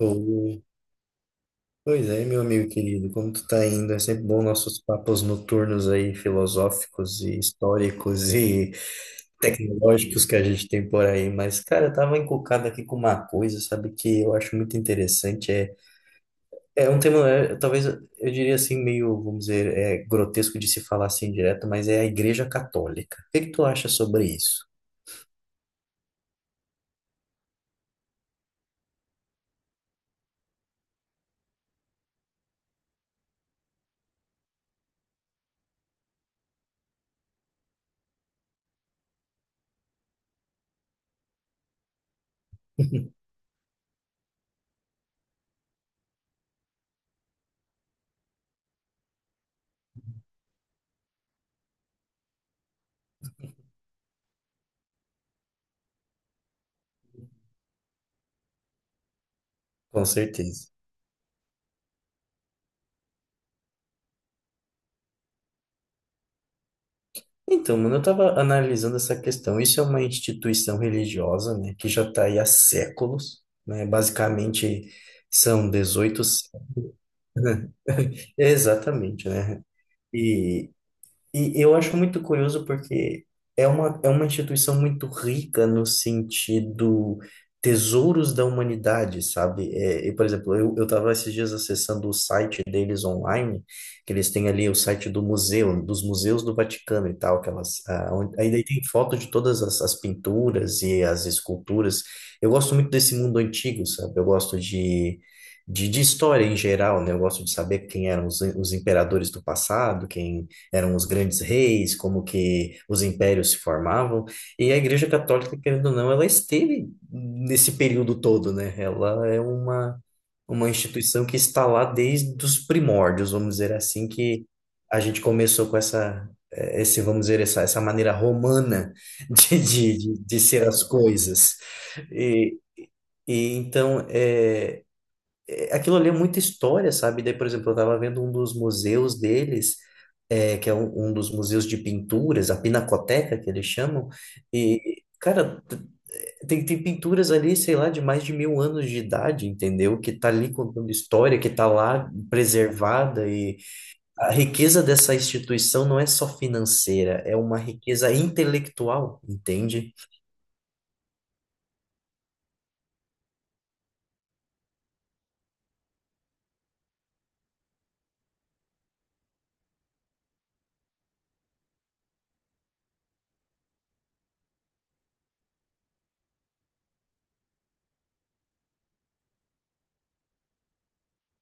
Ô, pois é, meu amigo querido, como tu tá indo? É sempre bom nossos papos noturnos aí, filosóficos e históricos e tecnológicos que a gente tem por aí. Mas, cara, eu tava encucado aqui com uma coisa, sabe, que eu acho muito interessante. É um tema, talvez eu diria assim, meio, vamos dizer, é grotesco de se falar assim direto, mas é a Igreja Católica. O que que tu acha sobre isso? Com certeza. Então, mano, eu estava analisando essa questão. Isso é uma instituição religiosa, né, que já está aí há séculos, né? Basicamente são 18 exatamente, né? E e eu acho muito curioso porque é uma instituição muito rica no sentido tesouros da humanidade, sabe? Eu, por exemplo, eu estava esses dias acessando o site deles online, que eles têm ali o site do museu, dos museus do Vaticano e tal, aquelas, onde, aí daí tem foto de todas as pinturas e as esculturas. Eu gosto muito desse mundo antigo, sabe? Eu gosto de história em geral, né? Eu gosto de saber quem eram os imperadores do passado, quem eram os grandes reis, como que os impérios se formavam, e a Igreja Católica, querendo ou não, ela esteve nesse período todo, né? Ela é uma instituição que está lá desde os primórdios, vamos dizer assim, que a gente começou com vamos dizer, essa maneira romana de ser as coisas. E, e então, aquilo ali é muita história, sabe? Daí, por exemplo, eu estava vendo um dos museus deles, que é um dos museus de pinturas, a Pinacoteca, que eles chamam, e, cara, tem pinturas ali, sei lá, de mais de mil anos de idade, entendeu? Que tá ali contando história, que tá lá preservada, e a riqueza dessa instituição não é só financeira, é uma riqueza intelectual, entende?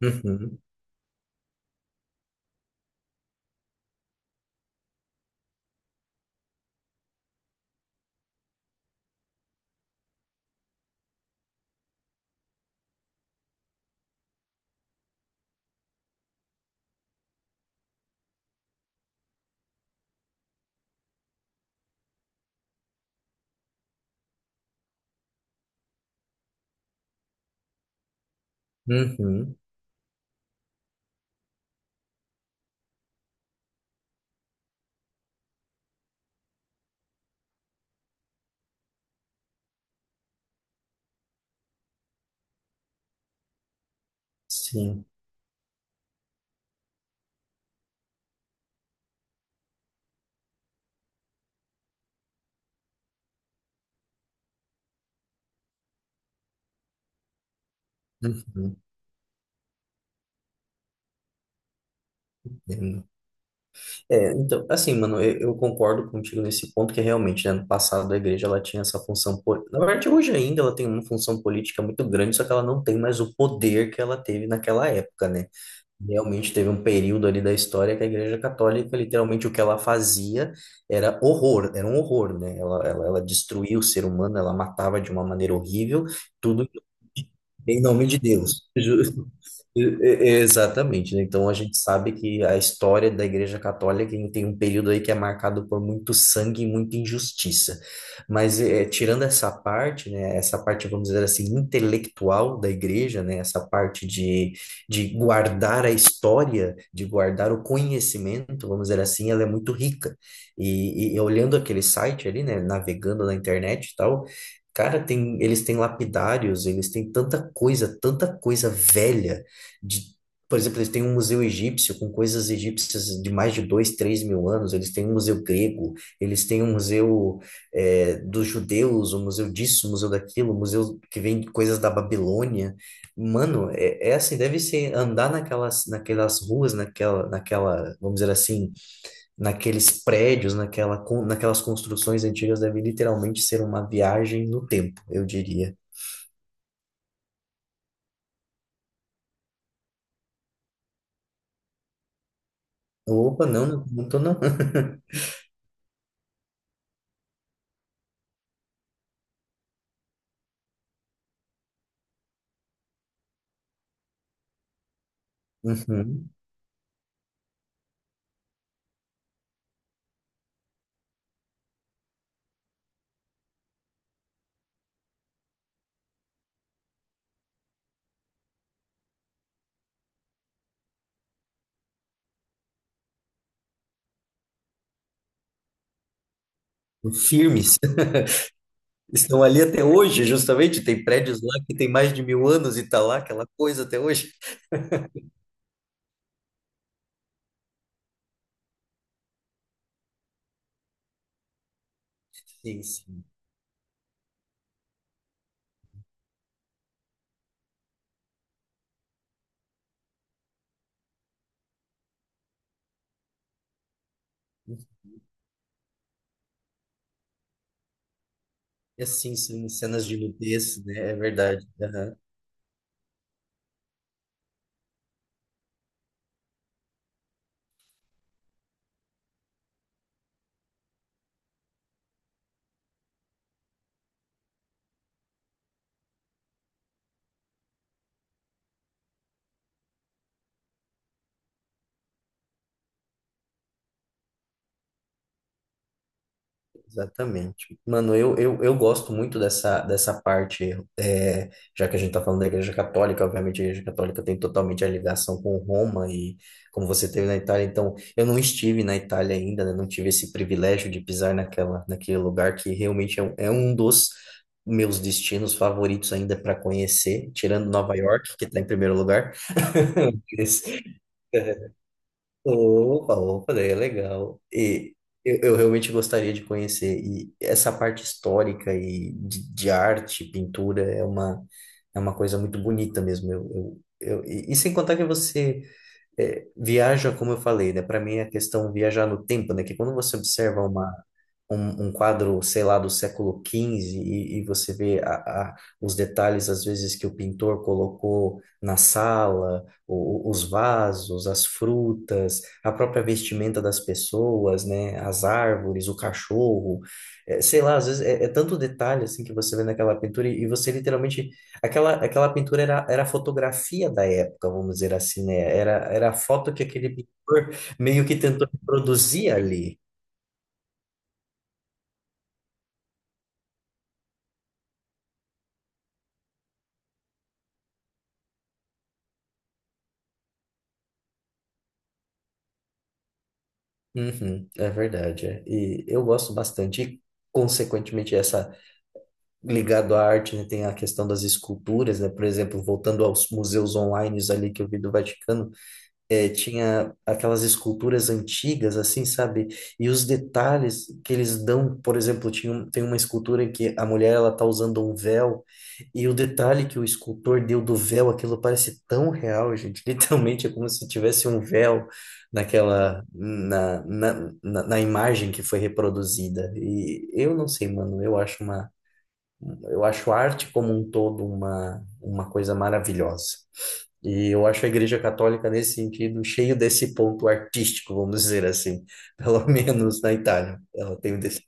Uhum, uhum, sim. Uhum. Então, assim, mano, eu concordo contigo nesse ponto que realmente, né, no passado a igreja ela tinha essa função, na verdade hoje ainda ela tem uma função política muito grande, só que ela não tem mais o poder que ela teve naquela época, né? Realmente teve um período ali da história que a Igreja Católica, literalmente, o que ela fazia era horror, era um horror, né? Ela destruía o ser humano, ela matava de uma maneira horrível, tudo em nome de Deus. Exatamente, né? Então a gente sabe que a história da Igreja Católica tem um período aí que é marcado por muito sangue e muita injustiça. Mas, tirando essa parte, né, essa parte, vamos dizer assim, intelectual da Igreja, né, essa parte de guardar a história, de guardar o conhecimento, vamos dizer assim, ela é muito rica. E olhando aquele site ali, né, navegando na internet e tal, cara, eles têm lapidários, eles têm tanta coisa velha. De Por exemplo, eles têm um museu egípcio com coisas egípcias de mais de dois, três mil anos. Eles têm um museu grego, eles têm um museu, dos judeus, um museu disso, o museu daquilo, o museu que vem de coisas da Babilônia. Mano, assim, deve ser andar naquelas ruas, naquela, vamos dizer assim, naqueles prédios, naquelas construções antigas, deve literalmente ser uma viagem no tempo, eu diria. Opa, não, não, não tô não. Uhum. Firmes. Estão ali até hoje, justamente. Tem prédios lá que tem mais de mil anos e tá lá aquela coisa até hoje. Sim, sim. E assim, sim, cenas de nudez, né? É verdade. Exatamente. Mano, eu gosto muito dessa parte, já que a gente está falando da Igreja Católica, obviamente a Igreja Católica tem totalmente a ligação com Roma e como você teve na Itália, então eu não estive na Itália ainda, né, não tive esse privilégio de pisar naquele lugar que realmente é um dos meus destinos favoritos ainda para conhecer, tirando Nova York, que está em primeiro lugar. Mas, é, opa, opa, daí é legal. E eu realmente gostaria de conhecer. E essa parte histórica e de arte, pintura, é uma coisa muito bonita mesmo. E sem contar que você, viaja, como eu falei, né? Para mim é a questão viajar no tempo, né? Que quando você observa um quadro, sei lá, do século XV, e você vê os detalhes, às vezes, que o pintor colocou na sala, os vasos, as frutas, a própria vestimenta das pessoas, né? As árvores, o cachorro, sei lá, às vezes tanto detalhe, assim, que você vê naquela pintura, e você literalmente. Aquela pintura era a fotografia da época, vamos dizer assim, né? Era a foto que aquele pintor meio que tentou reproduzir ali. Uhum, é verdade. É. E eu gosto bastante. E, consequentemente, essa ligado à arte, né, tem a questão das esculturas, né? Por exemplo, voltando aos museus online ali que eu vi do Vaticano, tinha aquelas esculturas antigas, assim, sabe? E os detalhes que eles dão, por exemplo, tem uma escultura em que a mulher ela tá usando um véu, e o detalhe que o escultor deu do véu, aquilo parece tão real, gente. Literalmente é como se tivesse um véu naquela, na, na, na, na imagem que foi reproduzida. E eu não sei, mano, eu acho a arte como um todo uma coisa maravilhosa. E eu acho a Igreja Católica, nesse sentido, cheio desse ponto artístico, vamos dizer assim, pelo menos na Itália. Ela tem um desse...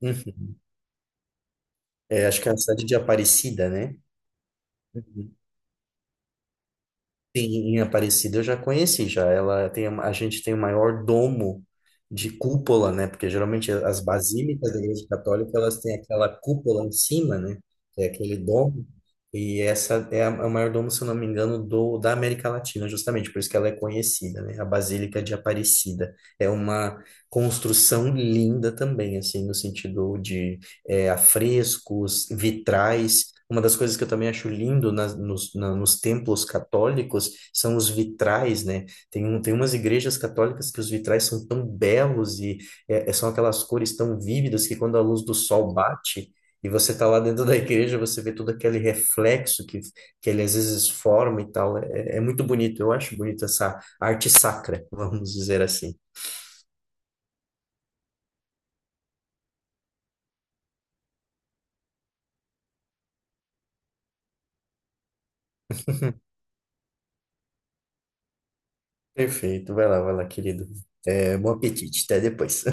Uhum. É, acho que é a cidade de Aparecida, né? Sim, em Aparecida eu já conheci já. Ela tem A gente tem o maior domo de cúpula, né? Porque geralmente as basílicas da Igreja Católica elas têm aquela cúpula em cima, né? É aquele domo. E essa é o maior domo, se eu não me engano, do da América Latina, justamente por isso que ela é conhecida, né? A Basílica de Aparecida é uma construção linda também, assim, no sentido, é, a vitrais. Uma das coisas que eu também acho lindo nos templos católicos são os vitrais, né? Tem umas igrejas católicas que os vitrais são tão belos e, são aquelas cores tão vívidas que quando a luz do sol bate e você está lá dentro da igreja, você vê todo aquele reflexo que ele às vezes forma e tal. É muito bonito, eu acho bonito essa arte sacra, vamos dizer assim. Perfeito, vai lá, querido. É, bom apetite, até depois.